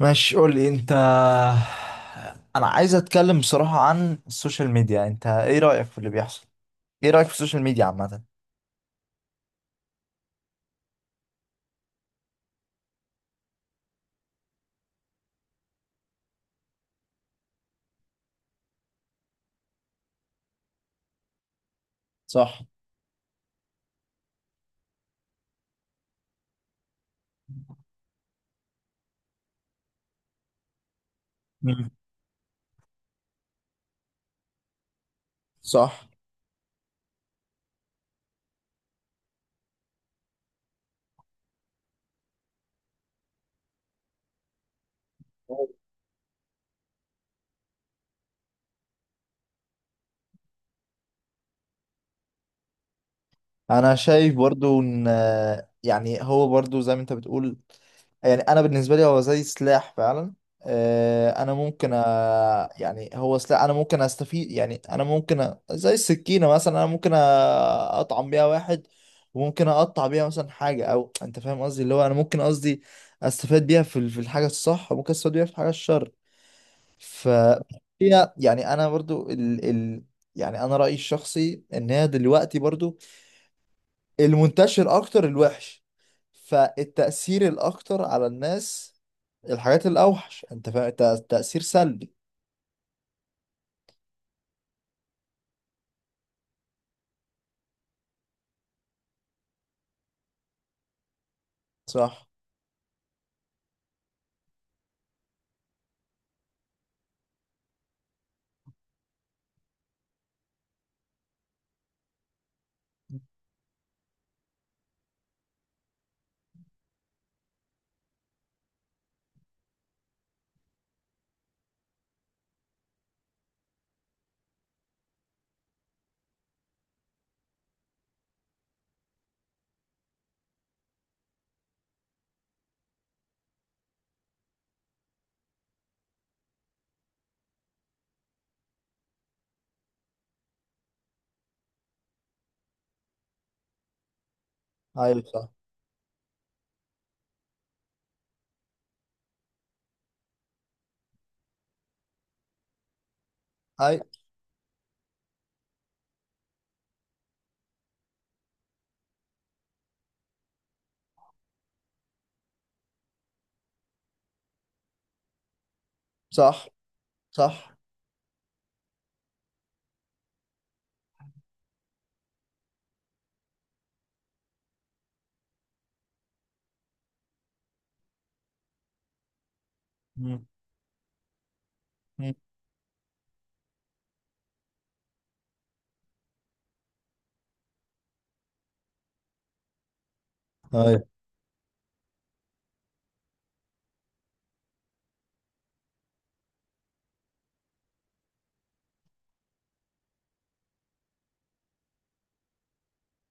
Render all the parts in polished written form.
ماشي، قول لي انت. انا عايز اتكلم بصراحة عن السوشيال ميديا. انت ايه رأيك في اللي بيحصل؟ ايه رأيك في السوشيال ميديا عامة؟ صح. مم. صح. انا شايف برضو ان، يعني هو برضو زي ما انت بتقول، يعني انا بالنسبه لي هو زي سلاح فعلا. انا ممكن يعني هو سلاح. انا ممكن استفيد، يعني انا ممكن زي السكينه مثلا. انا ممكن اطعم بيها واحد، وممكن اقطع بيها مثلا حاجه، او انت فاهم قصدي؟ اللي هو انا ممكن قصدي استفاد بيها في الحاجه الصح، وممكن استفاد بيها في الحاجه الشر. ف هي يعني انا برضو يعني انا رايي الشخصي ان هي دلوقتي برضو المنتشر اكتر الوحش، فالتأثير الاكتر على الناس الحاجات الاوحش. انت فاهم تأثير سلبي؟ صح. ايوه صح. ايوه صح. صح. مم. مم. ايوه.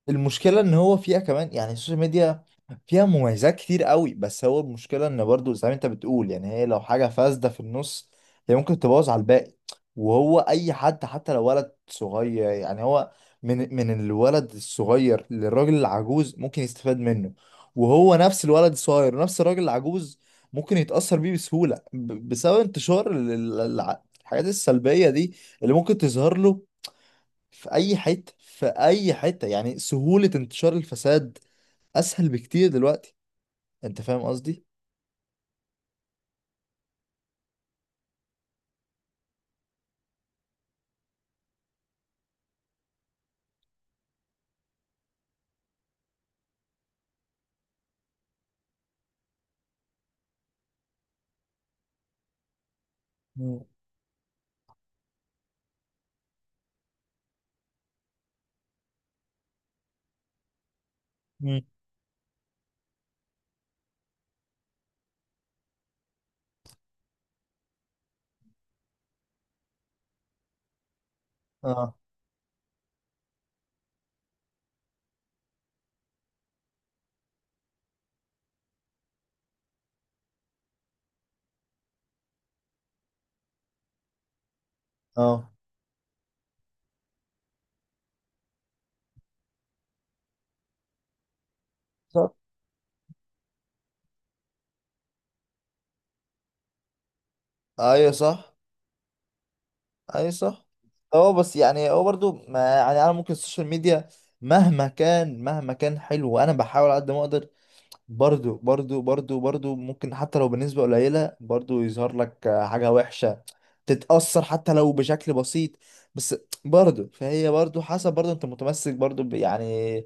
المشكلة ان هو فيها كمان، يعني السوشيال ميديا فيها مميزات كتير قوي، بس هو المشكلة ان برضو زي ما انت بتقول، يعني هي لو حاجة فاسدة في النص، هي ممكن تبوظ على الباقي. وهو اي حد حتى لو ولد صغير، يعني هو من الولد الصغير للراجل العجوز ممكن يستفاد منه، وهو نفس الولد الصغير ونفس الراجل العجوز ممكن يتأثر بيه بسهولة بسبب انتشار الحاجات السلبية دي اللي ممكن تظهر له في اي حته، في اي حته. يعني سهوله انتشار الفساد اسهل بكتير دلوقتي. انت فاهم قصدي؟ مم. مم. اه. اه. صح. ايوه صح. ايوه صح. هو بس، يعني هو برضو ما، يعني انا ممكن السوشيال ميديا مهما كان، مهما كان حلو وانا بحاول على قد ما اقدر، برضو ممكن حتى لو بنسبة قليلة برضو يظهر لك حاجة وحشة، تتأثر حتى لو بشكل بسيط. بس برضو فهي برضو حسب برضو انت متمسك برضو يعني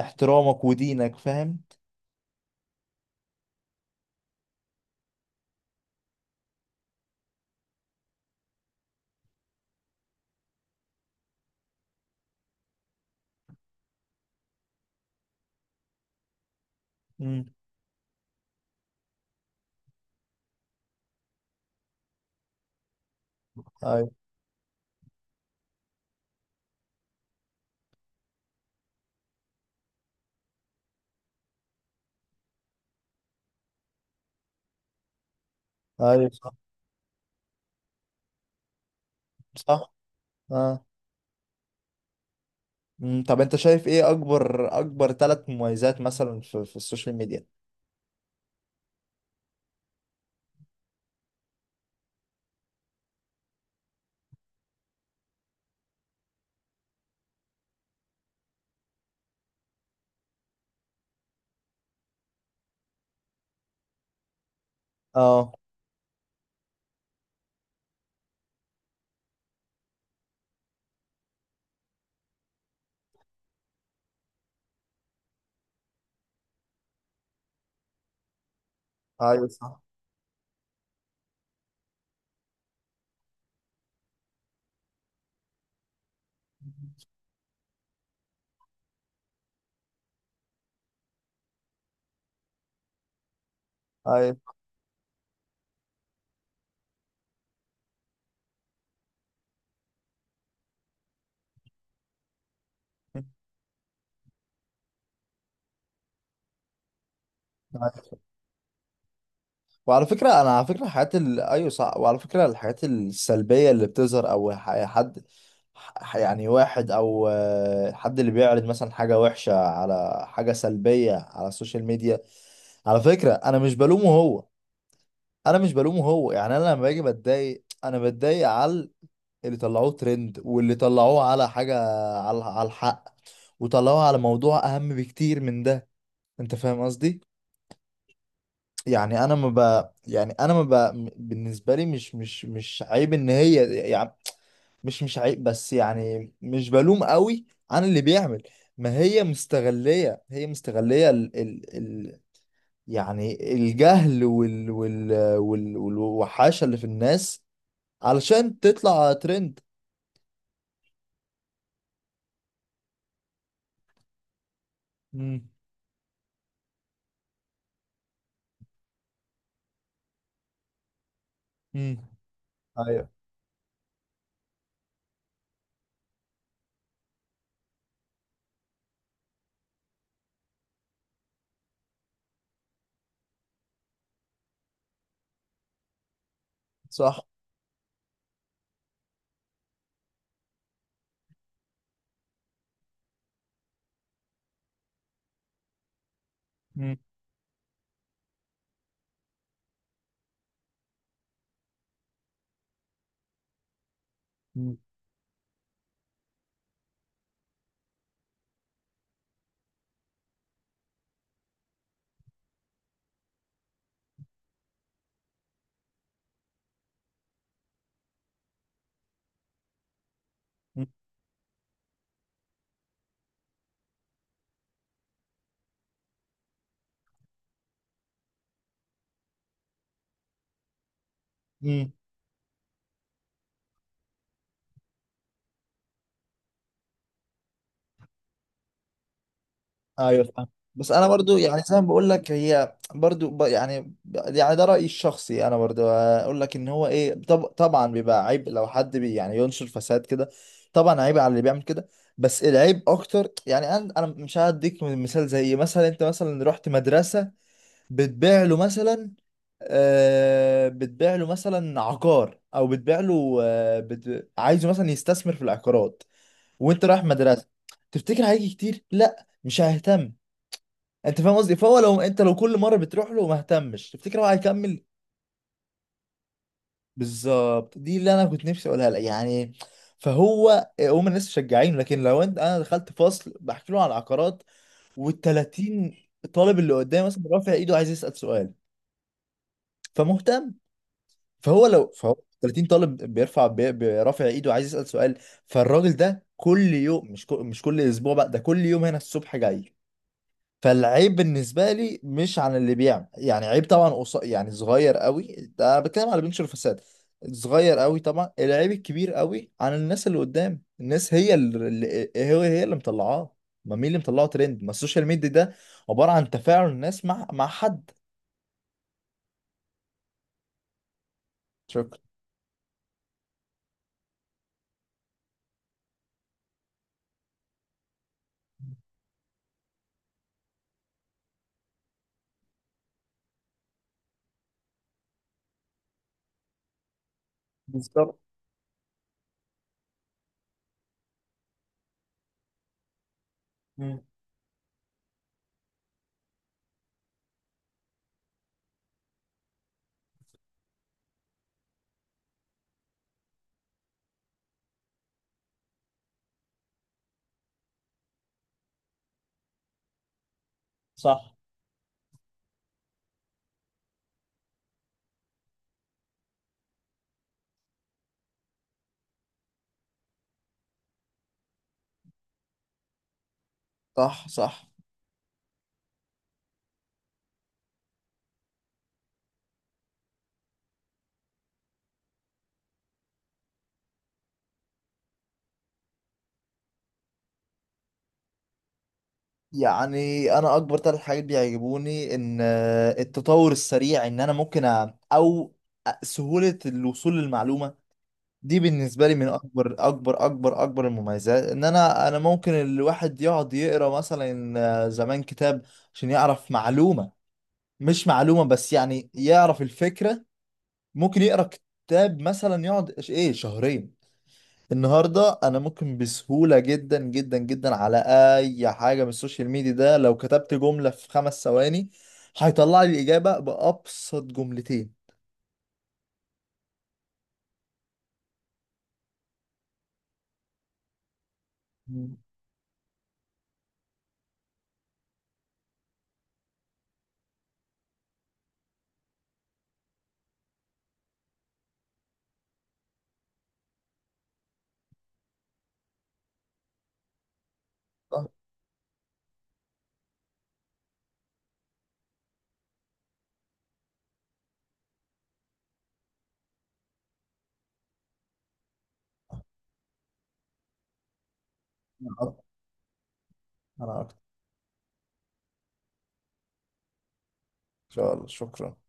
احترامك ودينك. فاهم؟ امم. ايوه. ايوه صح. صح. اه. مم. طب انت شايف ايه اكبر ثلاث مميزات مثلا في السوشيال ميديا؟ اه. ايوه صح. ايوه. وعلى فكرة، أنا على فكرة الحاجات أيوة صح، وعلى فكرة الحاجات السلبية اللي بتظهر أو يعني يعني واحد أو حد اللي بيعرض مثلا حاجة وحشة، على حاجة سلبية على السوشيال ميديا. على فكرة أنا مش بلومه هو، أنا مش بلومه هو. يعني أنا لما باجي بتضايق، أنا بتضايق على اللي طلعوه ترند، واللي طلعوه على حاجة، على الحق، وطلعوه على موضوع أهم بكتير من ده. أنت فاهم قصدي؟ يعني انا ما ب... يعني انا ما ب... م- بالنسبه لي مش عيب ان هي، يعني مش عيب، بس يعني مش بلوم قوي عن اللي بيعمل. ما هي مستغليه، هي مستغليه يعني الجهل والوحاشه اللي في الناس علشان تطلع ترند. امم. امم. ايوه صح. امم. ايوه فاهم. بس انا برضو، يعني زي ما بقول لك، هي برضو يعني يعني ده رايي الشخصي. انا برضو اقول لك ان هو ايه، طبعا بيبقى عيب لو حد بي يعني ينشر فساد كده. طبعا عيب على اللي بيعمل كده، بس العيب اكتر. يعني انا مش هديك مثال، زي مثلا انت مثلا رحت مدرسه بتبيع له مثلا، بتبيع له مثلا عقار، او بتبيع له عايزه مثلا يستثمر في العقارات وانت رايح مدرسه. تفتكر هيجي كتير؟ لا، مش هيهتم. انت فاهم قصدي؟ فهو لو انت، لو كل مره بتروح له وما اهتمش، تفتكر هو هيكمل؟ بالظبط. دي اللي انا كنت نفسي اقولها لك يعني. فهو هم الناس مشجعينه، لكن لو انت، انا دخلت فصل بحكي له عن العقارات، وال30 طالب اللي قدامي مثلا رافع ايده عايز يسال سؤال فمهتم. فهو لو فهو 30 طالب بيرفع ايده عايز يسال سؤال، فالراجل ده كل يوم، مش كل اسبوع بقى، ده كل يوم هنا الصبح جاي. فالعيب بالنسبه لي مش عن اللي بيعمل، يعني عيب طبعا يعني صغير قوي. ده أنا بتكلم على اللي بينشر فساد. صغير قوي طبعا. العيب الكبير قوي عن الناس اللي قدام، الناس هي هي اللي مطلعاه. ما مين اللي مطلعه ترند؟ ما السوشيال ميديا ده عباره عن تفاعل الناس مع حد. شكرا. بالظبط. مم. صح. صح. صح. يعني انا اكبر ثلاث حاجات بيعجبوني ان التطور السريع، ان انا ممكن او سهولة الوصول للمعلومة. دي بالنسبة لي من أكبر المميزات. إن أنا ممكن الواحد يقعد يقرأ مثلا زمان كتاب عشان يعرف معلومة، مش معلومة بس، يعني يعرف الفكرة. ممكن يقرأ كتاب مثلا يقعد إيه شهرين. النهاردة أنا ممكن بسهولة جدا جدا جدا على أي حاجة من السوشيال ميديا ده، لو كتبت جملة في 5 ثواني هيطلع لي الإجابة بأبسط جملتين. مم. أه، أنا أكتر. أنا أكتر. إن شاء الله، شكرا.